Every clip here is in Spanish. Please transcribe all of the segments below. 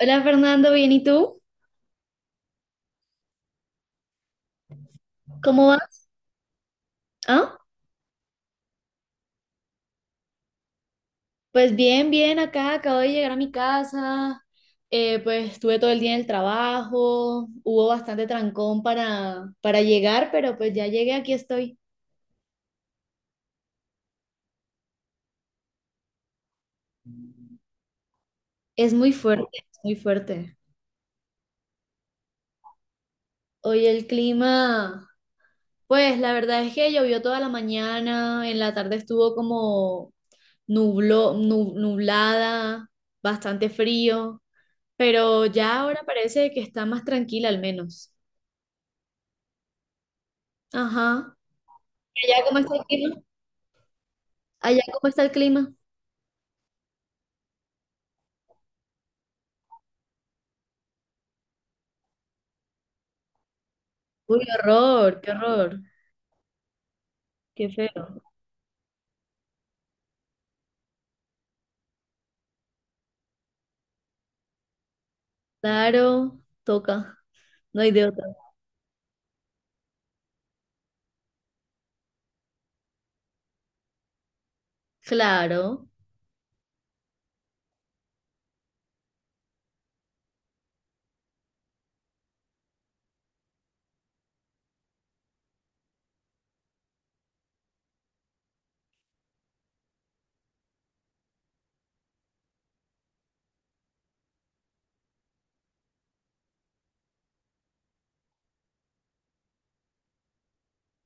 Hola Fernando, ¿bien y tú? ¿Cómo vas? ¿Ah? Pues bien, bien, acá acabo de llegar a mi casa, pues estuve todo el día en el trabajo, hubo bastante trancón para llegar, pero pues ya llegué, aquí estoy. Es muy fuerte, es muy fuerte. Hoy el clima, pues la verdad es que llovió toda la mañana, en la tarde estuvo como nublada, bastante frío, pero ya ahora parece que está más tranquila al menos. Ajá. ¿Y allá cómo está el clima? ¿Allá cómo está el clima? Uy, qué horror, qué horror, qué feo. Claro, toca, no hay de otra. Claro,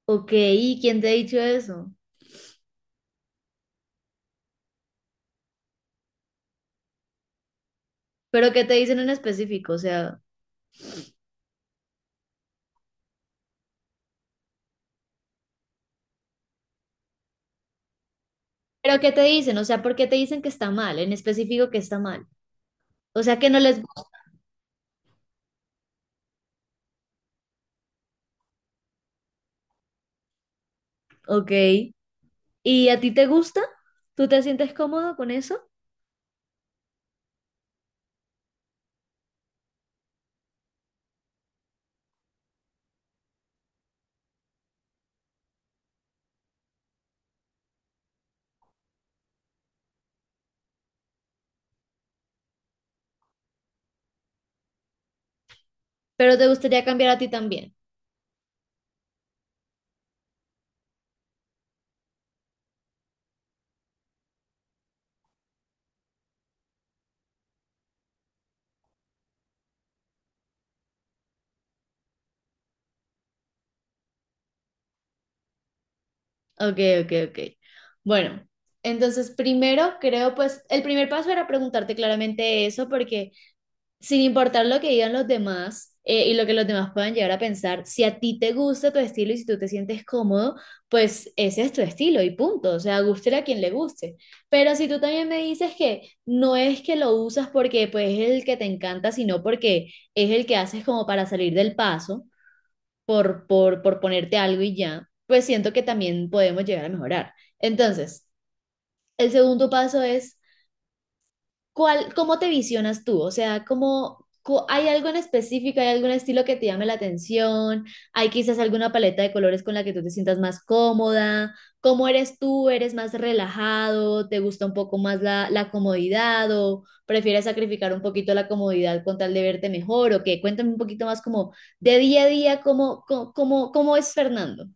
ok, ¿y quién te ha dicho eso? ¿Pero qué te dicen en específico? O sea, ¿pero qué te dicen? O sea, ¿por qué te dicen que está mal? En específico que está mal. O sea, que no les gusta. Ok, ¿y a ti te gusta? ¿Tú te sientes cómodo con eso? ¿Pero te gustaría cambiar a ti también? Ok, ok, ok. Bueno, entonces primero creo pues el primer paso era preguntarte claramente eso porque sin importar lo que digan los demás y lo que los demás puedan llegar a pensar, si a ti te gusta tu estilo y si tú te sientes cómodo, pues ese es tu estilo y punto, o sea, guste a quien le guste. Pero si tú también me dices que no es que lo usas porque pues es el que te encanta, sino porque es el que haces como para salir del paso por ponerte algo y ya, pues siento que también podemos llegar a mejorar. Entonces, el segundo paso es, ¿cuál, cómo te visionas tú? O sea, ¿cómo, hay algo en específico, hay algún estilo que te llame la atención? ¿Hay quizás alguna paleta de colores con la que tú te sientas más cómoda? ¿Cómo eres tú? ¿Eres más relajado? ¿Te gusta un poco más la comodidad o prefieres sacrificar un poquito la comodidad con tal de verte mejor? ¿O qué? Cuéntame un poquito más como de día a día, ¿cómo es Fernando?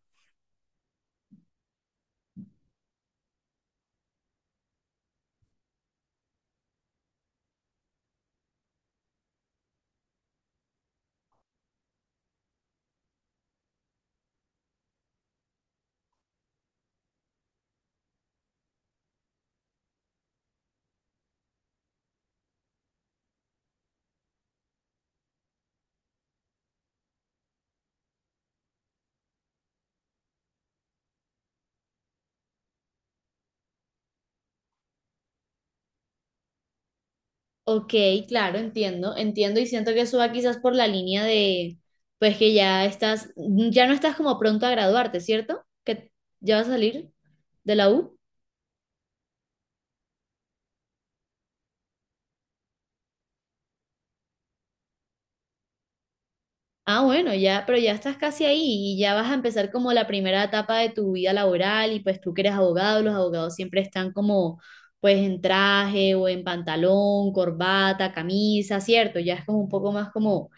Ok, claro, entiendo, entiendo y siento que eso va quizás por la línea de, pues que ya estás, ya no estás como pronto a graduarte, ¿cierto? Que ya vas a salir de la U. Ah, bueno, ya, pero ya estás casi ahí y ya vas a empezar como la primera etapa de tu vida laboral y pues tú que eres abogado, los abogados siempre están como pues en traje o en pantalón, corbata, camisa, ¿cierto? Ya es como un poco más como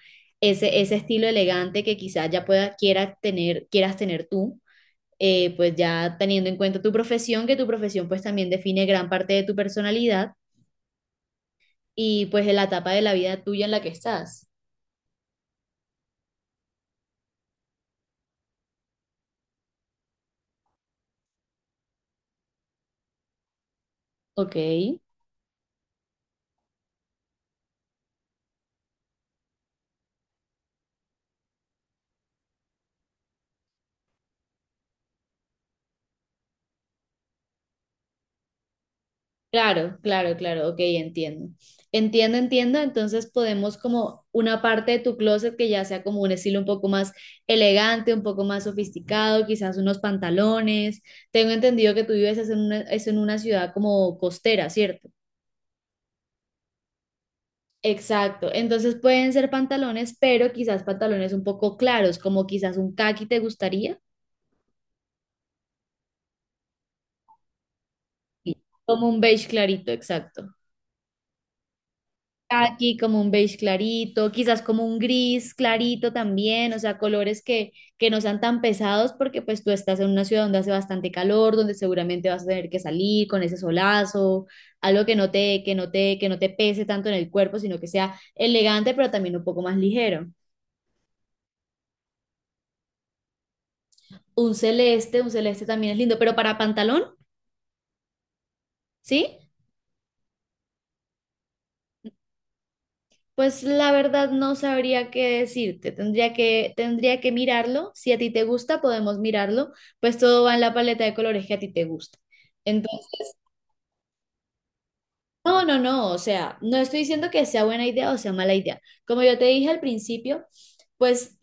ese estilo elegante que quizás ya pueda, quiera tener, quieras tener tú. Pues ya teniendo en cuenta tu profesión, que tu profesión pues también define gran parte de tu personalidad y pues de la etapa de la vida tuya en la que estás. Ok, claro, claro, claro, ok, entiendo. Entiendo, entiendo, entonces podemos como una parte de tu closet que ya sea como un estilo un poco más elegante, un poco más sofisticado, quizás unos pantalones. Tengo entendido que tú vives es en una ciudad como costera, ¿cierto? Exacto, entonces pueden ser pantalones, pero quizás pantalones un poco claros, como quizás un caqui te gustaría. Sí, como un beige clarito, exacto. Caqui, como un beige clarito, quizás como un gris clarito también, o sea, colores que no sean tan pesados porque pues tú estás en una ciudad donde hace bastante calor, donde seguramente vas a tener que salir con ese solazo, algo que no te, que no te, que no te pese tanto en el cuerpo, sino que sea elegante, pero también un poco más ligero. Un celeste también es lindo, pero para pantalón. ¿Sí? Pues la verdad no sabría qué decirte. Tendría que mirarlo. Si a ti te gusta, podemos mirarlo. Pues todo va en la paleta de colores que a ti te gusta. Entonces, no, no, no. O sea, no estoy diciendo que sea buena idea o sea mala idea. Como yo te dije al principio, pues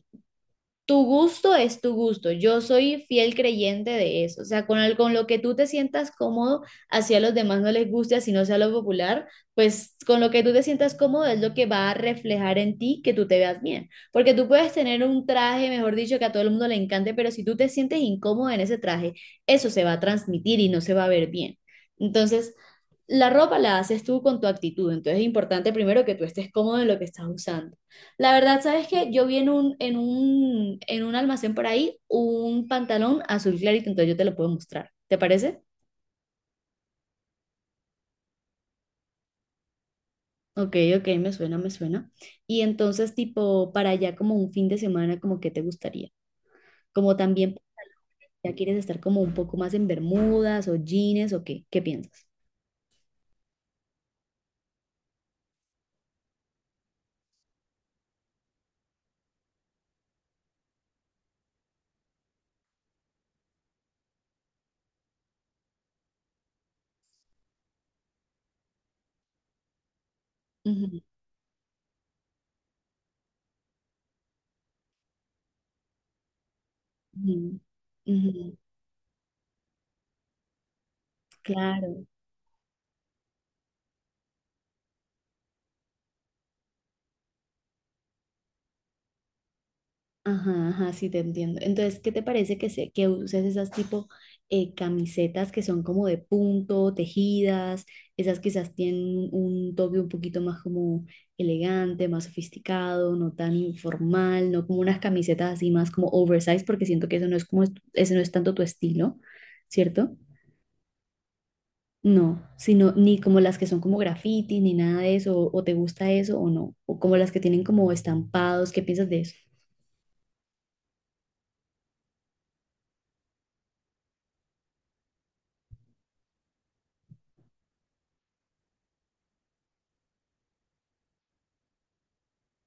tu gusto es tu gusto. Yo soy fiel creyente de eso. O sea, con, con lo que tú te sientas cómodo, así a los demás no les guste, así no sea lo popular, pues con lo que tú te sientas cómodo es lo que va a reflejar en ti que tú te veas bien. Porque tú puedes tener un traje, mejor dicho, que a todo el mundo le encante, pero si tú te sientes incómodo en ese traje, eso se va a transmitir y no se va a ver bien. Entonces, la ropa la haces tú con tu actitud. Entonces es importante primero que tú estés cómodo en lo que estás usando. La verdad, ¿sabes qué? Yo vi en un almacén por ahí un pantalón azul clarito, entonces yo te lo puedo mostrar. ¿Te parece? Ok, ok, me suena, me suena. Y entonces, tipo, para allá como un fin de semana, como que te gustaría. Como también ya quieres estar como un poco más en bermudas o jeans o qué, ¿qué piensas? Ujú, ujú, ujú, claro. Ajá, ajá, sí te entiendo. Entonces, ¿qué te parece que, que uses esas tipo camisetas que son como de punto, tejidas? Esas quizás tienen un toque un poquito más como elegante, más sofisticado, no tan informal, no como unas camisetas así más como oversize, porque siento que eso no es como, ese no es tanto tu estilo, ¿cierto? No, sino ni como las que son como graffiti, ni nada de eso, o te gusta eso o no, o como las que tienen como estampados, ¿qué piensas de eso?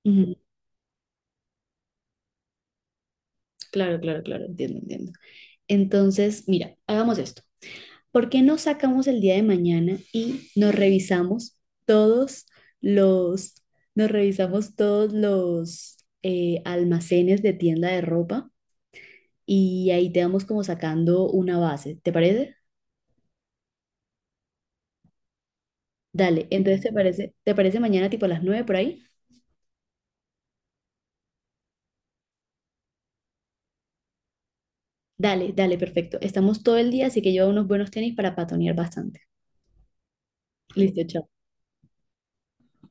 Ujú, claro, claro, claro, entiendo, entiendo. Entonces, mira, hagamos esto. ¿Por qué no sacamos el día de mañana y todos los, nos revisamos todos los almacenes de tienda de ropa y ahí te vamos como sacando una base, ¿te parece? Dale, entonces ¿te parece mañana tipo a las 9 por ahí? Dale, dale, perfecto. Estamos todo el día, así que lleva unos buenos tenis para patonear bastante. Listo, chao.